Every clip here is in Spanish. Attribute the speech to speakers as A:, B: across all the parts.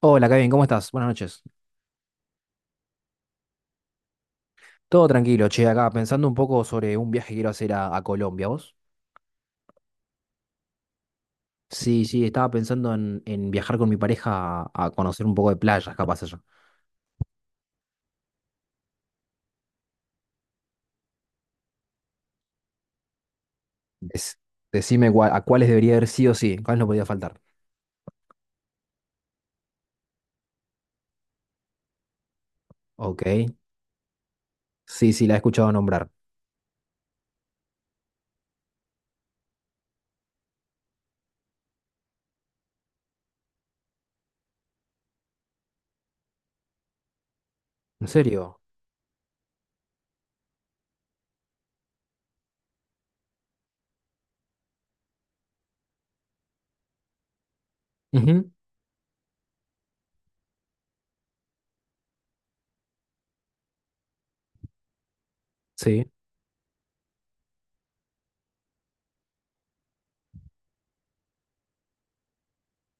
A: Hola, Kevin, ¿cómo estás? Buenas noches. Todo tranquilo, che, acá pensando un poco sobre un viaje que quiero hacer a Colombia, ¿vos? Sí, sí, estaba pensando en viajar con mi pareja a conocer un poco de playas, capaz allá. Des- ¿A cuáles debería haber sí o sí, cuáles no podía faltar? Ok, sí, sí, la he escuchado nombrar. ¿En serio? Ujú. Sí,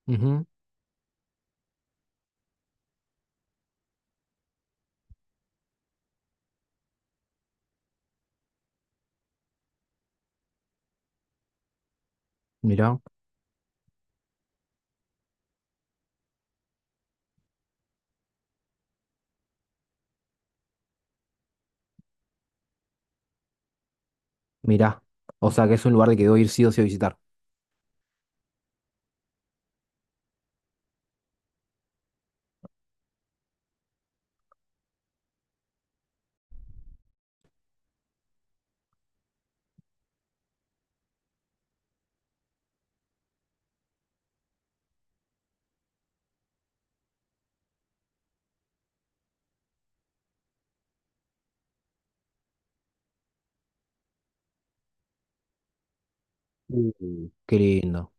A: ujú. Mirá, mirá. O sea que es un lugar que debo ir sí o sí a visitar. Qué lindo,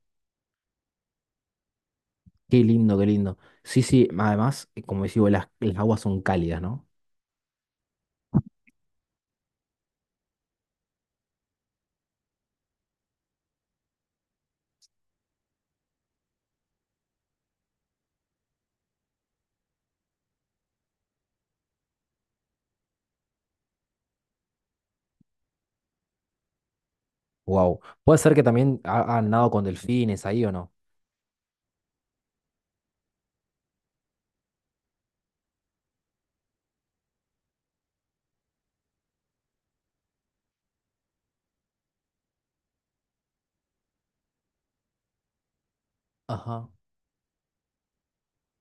A: qué lindo, qué lindo. Sí, sí, además, como decís vos, las aguas son cálidas, ¿no? Wow. Puede ser que también han nadado con delfines ahí o no. Ajá.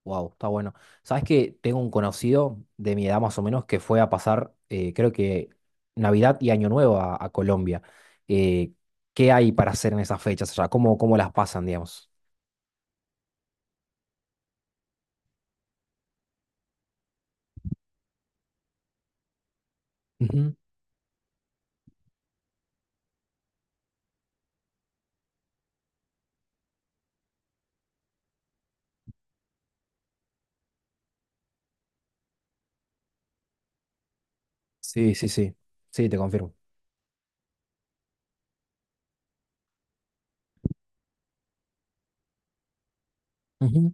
A: Wow, está bueno. ¿Sabes que tengo un conocido de mi edad más o menos que fue a pasar, creo que Navidad y Año Nuevo a Colombia? Eh, ¿Qué hay para hacer en esas fechas allá? ¿Cómo, cómo las pasan, digamos? Ujú. Sí, sí, sí. Sí, te confirmo. Ujú.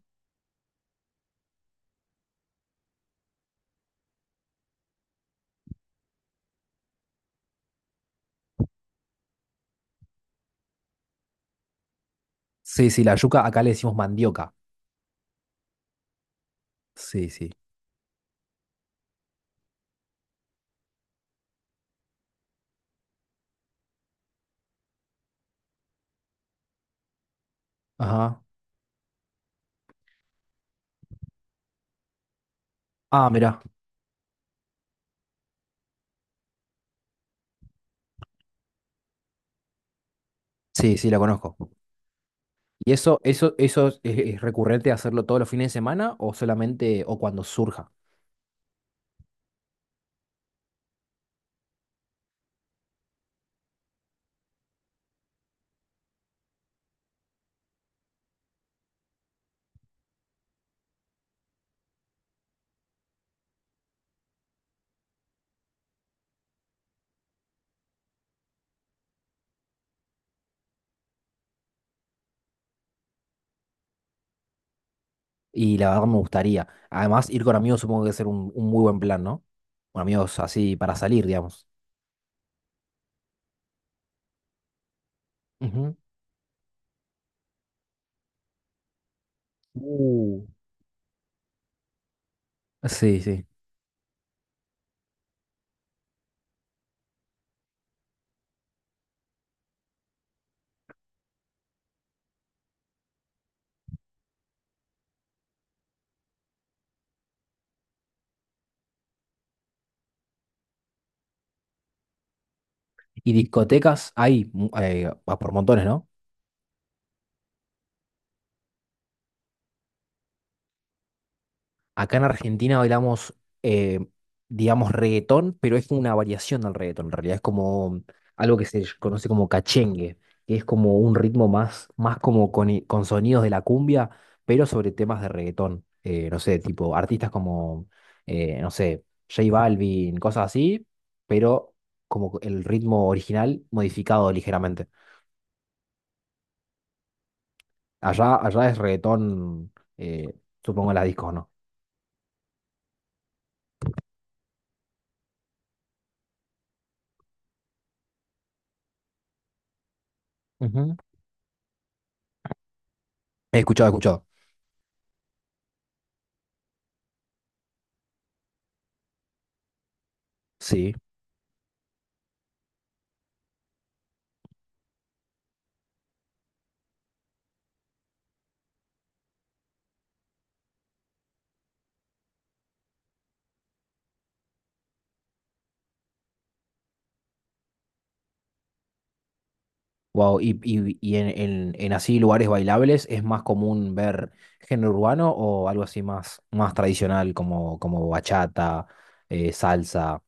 A: Sí, sí, la yuca acá le decimos mandioca. Sí, sí. Ajá. Ah, mira. Sí, sí, la conozco. ¿Y eso es recurrente hacerlo todos los fines de semana o solamente o cuando surja? Y la verdad me gustaría. Además, ir con amigos supongo que es ser un muy buen plan, ¿no? Con amigos así para salir, digamos. Ujú. Uh. Sí, sí. ¿Y discotecas hay por montones, no? Acá en Argentina bailamos, eh, digamos, reggaetón, pero es como una variación del reggaetón. En realidad es como algo que conoce como cachengue, que es como un ritmo más, más como con, con sonidos de la cumbia, pero sobre temas de reggaetón. No sé, tipo artistas como, no sé, J Balvin, cosas así, pero como el ritmo original modificado ligeramente. Allá, allá es reggaetón, eh, supongo en las discos, ¿no? Ujú. He escuchado, he escuchado. Sí. Wow, y, y en, en así lugares bailables es más común ver género urbano o algo así más, más tradicional como, como bachata, salsa.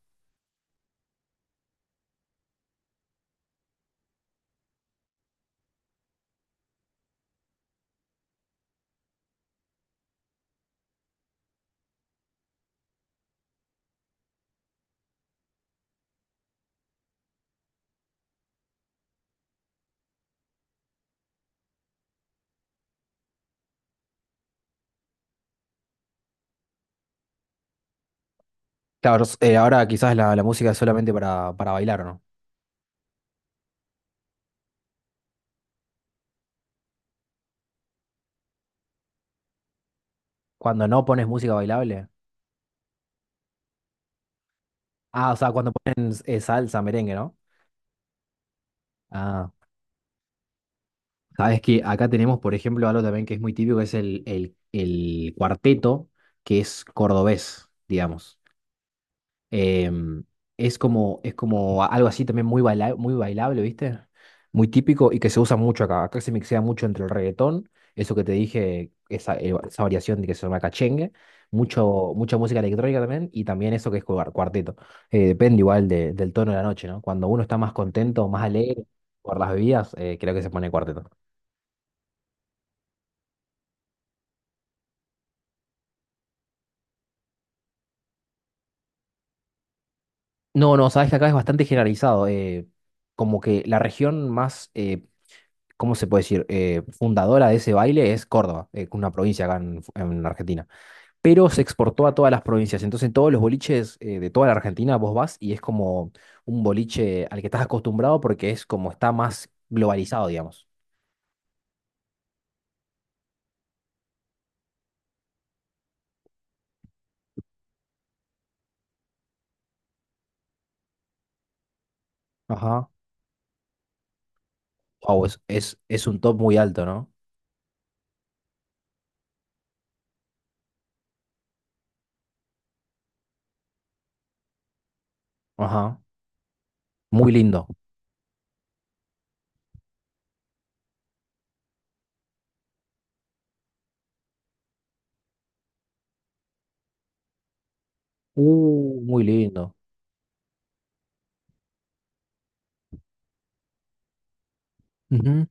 A: Claro, ahora quizás la, la música es solamente para bailar, ¿no? Cuando no pones música bailable. Ah, o sea, cuando ponen salsa, merengue, ¿no? Ah, sabes que acá tenemos, por ejemplo, algo también que es muy típico, que es el cuarteto, que es cordobés, digamos. Em, es como algo así también muy bailable, ¿viste? Muy típico y que se usa mucho acá. Acá se mixea mucho entre el reggaetón, eso que te dije, esa, esa variación de que se llama cachengue, mucho, mucha música electrónica también y también eso que es cuarteto. Depende igual del tono de la noche, ¿no? Cuando uno está más contento, más alegre por las bebidas, creo que se pone cuarteto. No, no, sabes que acá es bastante generalizado. Como que la región más, ¿cómo se puede decir? Fundadora de ese baile es Córdoba, una provincia acá en Argentina. Pero se exportó a todas las provincias. Entonces, en todos los boliches de toda la Argentina vos vas y es como un boliche al que estás acostumbrado porque es como está más globalizado, digamos. Ajá. Wow, es un top muy alto, ¿no? Ajá. Muy lindo. Muy lindo. Ujú.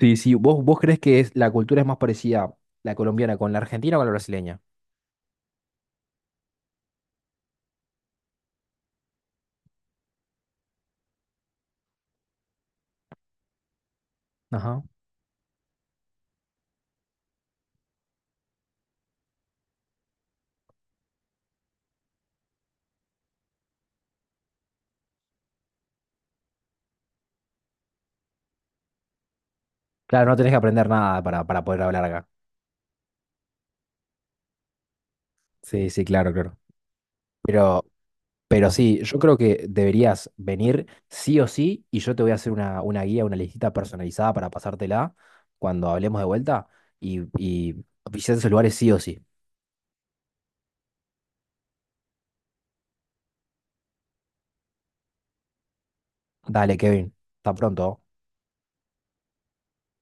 A: Sí, sí. ¿Vos, vos crees que es, la cultura es más parecida la colombiana con la argentina o con la brasileña? Ajá. Claro, no tenés que aprender nada para, para poder hablar acá. Sí, sí, claro, claro. Pero, pero sí, yo creo que deberías venir sí o sí y yo te voy a hacer una guía, una listita personalizada para pasártela cuando hablemos de vuelta y visitar esos lugares sí o sí. Dale, Kevin, hasta pronto.